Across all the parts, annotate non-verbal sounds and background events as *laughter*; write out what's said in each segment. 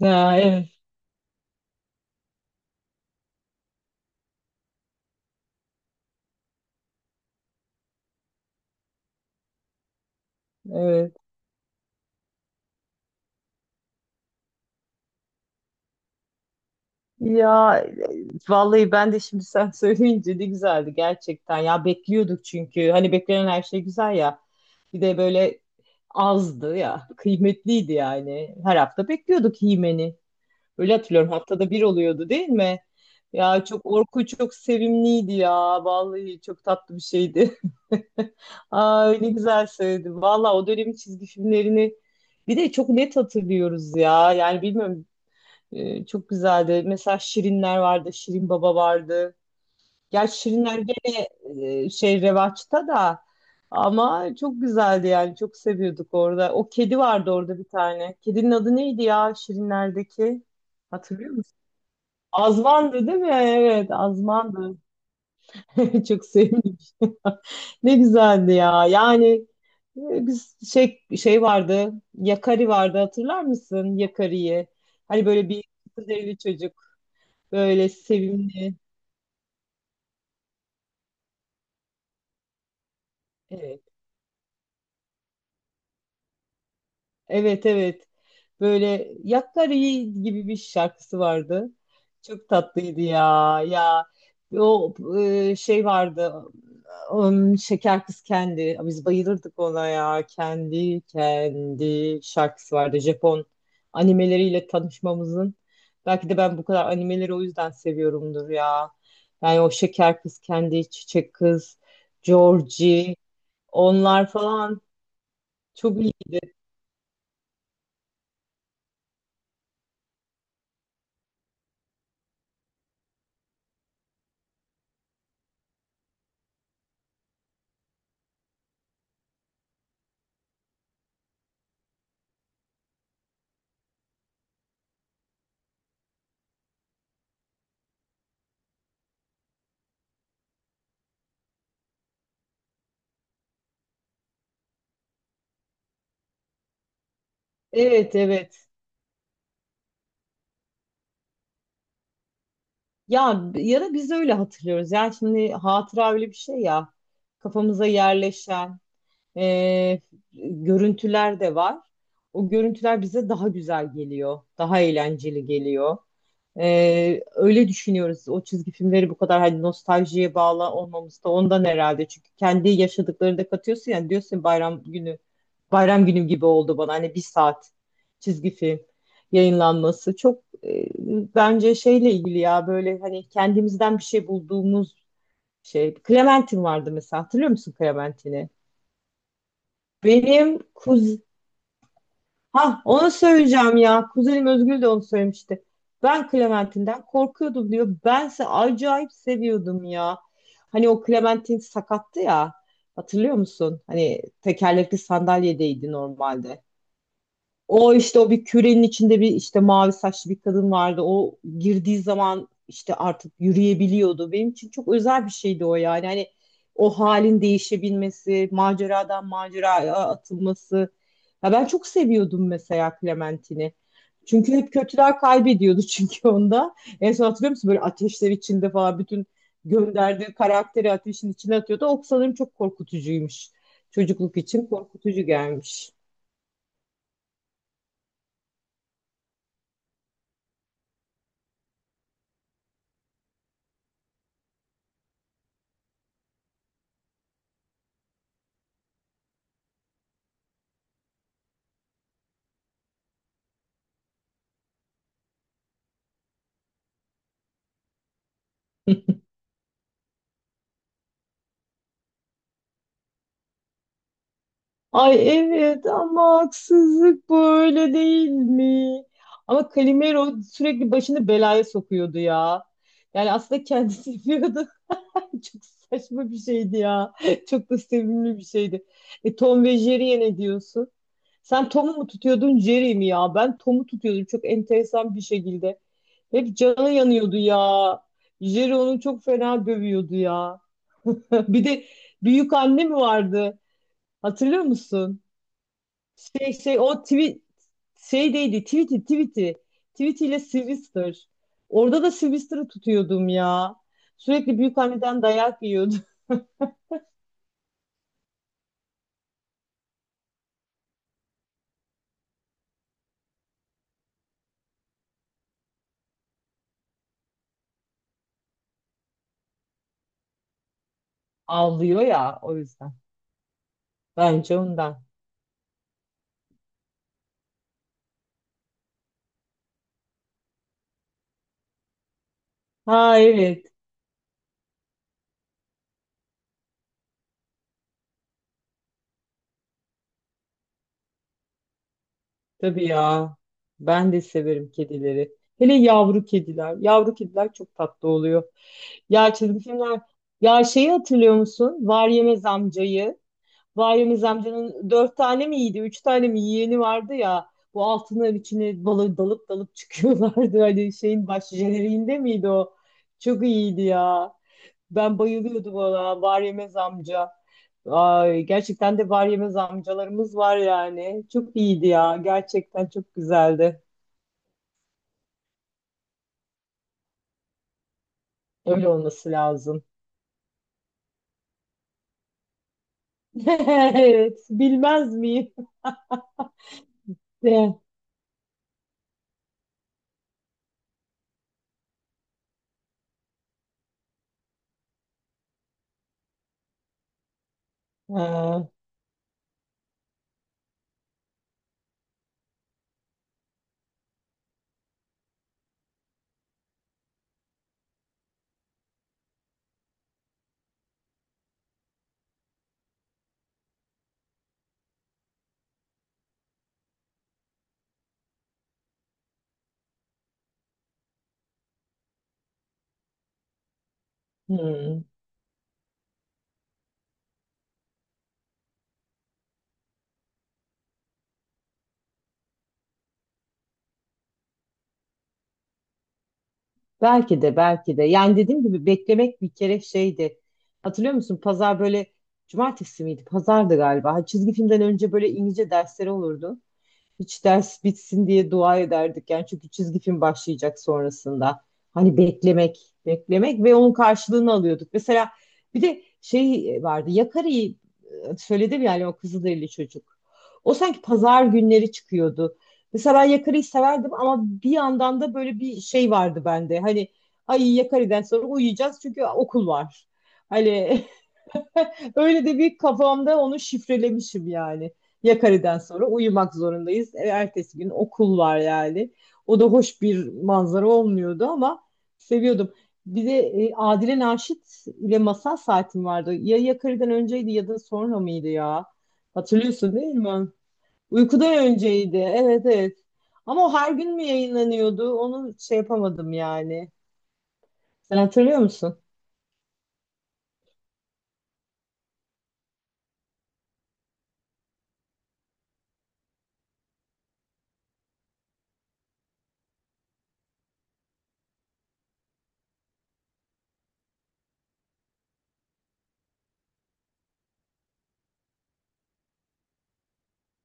Ya, evet, evet. Vallahi ben de şimdi sen *laughs* söyleyince ne güzeldi gerçekten. Ya bekliyorduk çünkü. Hani beklenen her şey güzel ya. Bir de böyle azdı ya. *laughs* Kıymetliydi yani. Her hafta bekliyorduk Himen'i. Öyle hatırlıyorum. Haftada bir oluyordu değil mi? Ya çok Orku çok sevimliydi ya. Vallahi çok tatlı bir şeydi. *laughs* Ay ne güzel söyledi. Valla o dönemin çizgi filmlerini bir de çok net hatırlıyoruz ya. Yani bilmiyorum. Çok güzeldi. Mesela Şirinler vardı, Şirin Baba vardı. Gerçi Şirinler gene şey revaçta da ama çok güzeldi yani çok seviyorduk orada. O kedi vardı orada bir tane. Kedinin adı neydi ya Şirinler'deki? Hatırlıyor musun? Azman'dı değil mi? Evet, Azman'dı. *laughs* Çok sevdim. *laughs* Ne güzeldi ya. Yani, biz şey vardı. Yakari vardı hatırlar mısın? Yakari'yi. Hani böyle bir kız evli çocuk. Böyle sevimli. Evet. Evet, evet. Böyle Yakkari gibi bir şarkısı vardı. Çok tatlıydı ya. Ya o şey vardı. Şeker Kız Kendi. Biz bayılırdık ona ya. Kendi kendi şarkısı vardı. Japon animeleriyle tanışmamızın. Belki de ben bu kadar animeleri o yüzden seviyorumdur ya. Yani o Şeker Kız Kendi, Çiçek Kız, Georgie. Onlar falan çok iyiydi. Evet, evet. Ya ya da biz öyle hatırlıyoruz. Yani şimdi hatıra öyle bir şey ya. Kafamıza yerleşen e, görüntüler de var. O görüntüler bize daha güzel geliyor. Daha eğlenceli geliyor. Öyle düşünüyoruz. O çizgi filmleri bu kadar hani nostaljiye bağlı olmamız da ondan herhalde. Çünkü kendi yaşadıklarını da katıyorsun yani diyorsun bayram günü bayram günü gibi oldu bana hani bir saat çizgi film yayınlanması çok, bence şeyle ilgili ya böyle hani kendimizden bir şey bulduğumuz şey. Clementine vardı mesela hatırlıyor musun Clementine'i? Benim kuz Ha, onu söyleyeceğim ya. Kuzenim Özgül de onu söylemişti. Ben Clementine'den korkuyordum diyor. Bense acayip seviyordum ya. Hani o Clementine sakattı ya. Hatırlıyor musun? Hani tekerlekli sandalyedeydi normalde. O işte o bir kürenin içinde bir işte mavi saçlı bir kadın vardı. O girdiği zaman işte artık yürüyebiliyordu. Benim için çok özel bir şeydi o yani. Hani o halin değişebilmesi, maceradan maceraya atılması. Ya ben çok seviyordum mesela Clementine'i. Çünkü hep kötüler kaybediyordu *laughs* çünkü onda. En son hatırlıyor musun böyle ateşler içinde falan bütün gönderdiği karakteri ateşin içine atıyordu. O sanırım çok korkutucuymuş. Çocukluk için korkutucu gelmiş. *laughs* Ay evet ama haksızlık böyle değil mi? Ama Calimero sürekli başını belaya sokuyordu ya. Yani aslında kendisi yapıyordu. *laughs* Çok saçma bir şeydi ya. Çok da sevimli bir şeydi. Tom ve Jerry'e ne diyorsun? Sen Tom'u mu tutuyordun Jerry mi ya? Ben Tom'u tutuyordum çok enteresan bir şekilde. Hep canı yanıyordu ya. Jerry onu çok fena dövüyordu ya. *laughs* Bir de büyük anne mi vardı? Hatırlıyor musun? Şey, o tweet şeydeydi tweet'iyle ile Sylvester. Orada da Sylvester'ı tutuyordum ya. Sürekli büyükanneden dayak yiyordu. *laughs* Ağlıyor ya o yüzden. Bence ondan. Ha evet tabii ya. Ben de severim kedileri. Hele yavru kediler. Yavru kediler çok tatlı oluyor. Ya çizgi filmler. Ya şeyi hatırlıyor musun? Var Yemez amcayı. Bayram amcanın dört tane mi iyiydi, üç tane mi yeğeni vardı ya. Bu altınların içine balı dalıp dalıp çıkıyorlardı. *laughs* Hani şeyin baş jeneriğinde miydi o? Çok iyiydi ya. Ben bayılıyordum ona. Var yemez amca. Ay, gerçekten de var yemez amcalarımız var yani. Çok iyiydi ya. Gerçekten çok güzeldi. Öyle olması lazım. *laughs* Evet, bilmez miyim? *laughs* De. Ha, hmm. Belki de belki de. Yani dediğim gibi beklemek bir kere şeydi. Hatırlıyor musun? Pazar böyle cumartesi miydi? Pazardı galiba. Çizgi filmden önce böyle İngilizce dersleri olurdu. Hiç ders bitsin diye dua ederdik yani çünkü çizgi film başlayacak sonrasında. Hani beklemek, beklemek ve onun karşılığını alıyorduk. Mesela bir de şey vardı. Yakari'yi, söyledim yani o Kızılderili çocuk. O sanki pazar günleri çıkıyordu. Mesela ben Yakari'yi severdim ama bir yandan da böyle bir şey vardı bende. Hani ay Yakari'den sonra uyuyacağız çünkü okul var. Hani *laughs* *laughs* öyle de bir kafamda onu şifrelemişim yani. Yakarı'dan sonra uyumak zorundayız. Ertesi gün okul var yani. O da hoş bir manzara olmuyordu ama seviyordum. Bir de Adile Naşit ile masal saatim vardı. Ya Yakarı'dan önceydi ya da sonra mıydı ya? Hatırlıyorsun değil mi? Uykudan önceydi. Evet, evet. Ama o her gün mü yayınlanıyordu? Onu şey yapamadım yani. Sen hatırlıyor musun?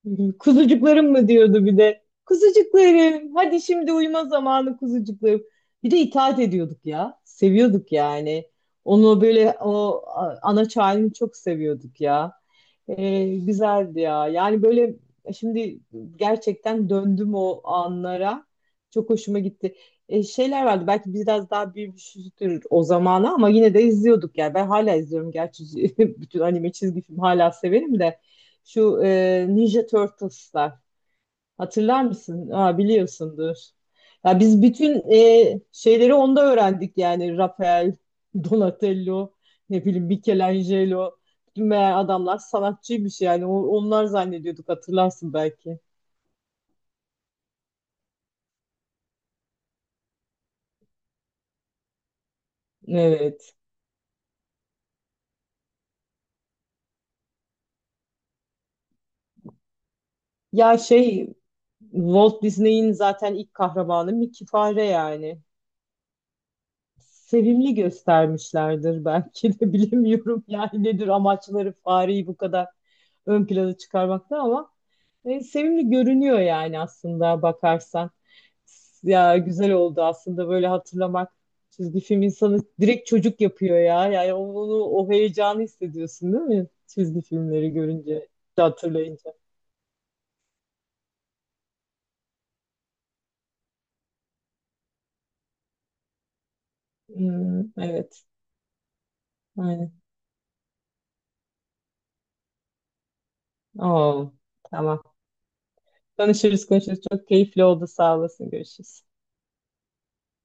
*laughs* Kuzucuklarım mı diyordu bir de. Kuzucuklarım, hadi şimdi uyuma zamanı kuzucuklarım. Bir de itaat ediyorduk ya. Seviyorduk yani. Onu böyle ana çağını çok seviyorduk ya. Güzeldi ya. Yani böyle şimdi gerçekten döndüm o anlara. Çok hoşuma gitti. Şeyler vardı belki biraz daha büyümüşüzdür o zamana ama yine de izliyorduk yani. Ben hala izliyorum gerçi *laughs* bütün anime çizgi film hala severim de. Şu Ninja Turtles'lar. Hatırlar mısın? Aa, biliyorsundur. Ya biz bütün şeyleri onda öğrendik yani. Rafael, Donatello, ne bileyim Michelangelo. Bütün meğer adamlar sanatçıymış yani. Onlar zannediyorduk hatırlarsın belki. Evet. Ya şey Walt Disney'in zaten ilk kahramanı Mickey Fare yani. Sevimli göstermişlerdir belki de *laughs* bilemiyorum yani nedir amaçları fareyi bu kadar ön plana çıkarmakta ama sevimli görünüyor yani aslında bakarsan. Ya güzel oldu aslında böyle hatırlamak. Çizgi film insanı direkt çocuk yapıyor ya. Yani onu o heyecanı hissediyorsun değil mi? Çizgi filmleri görünce, hatırlayınca. Hmm, evet. Aynen. Oo, tamam. Konuşuruz konuşuruz. Çok keyifli oldu. Sağ olasın. Görüşürüz.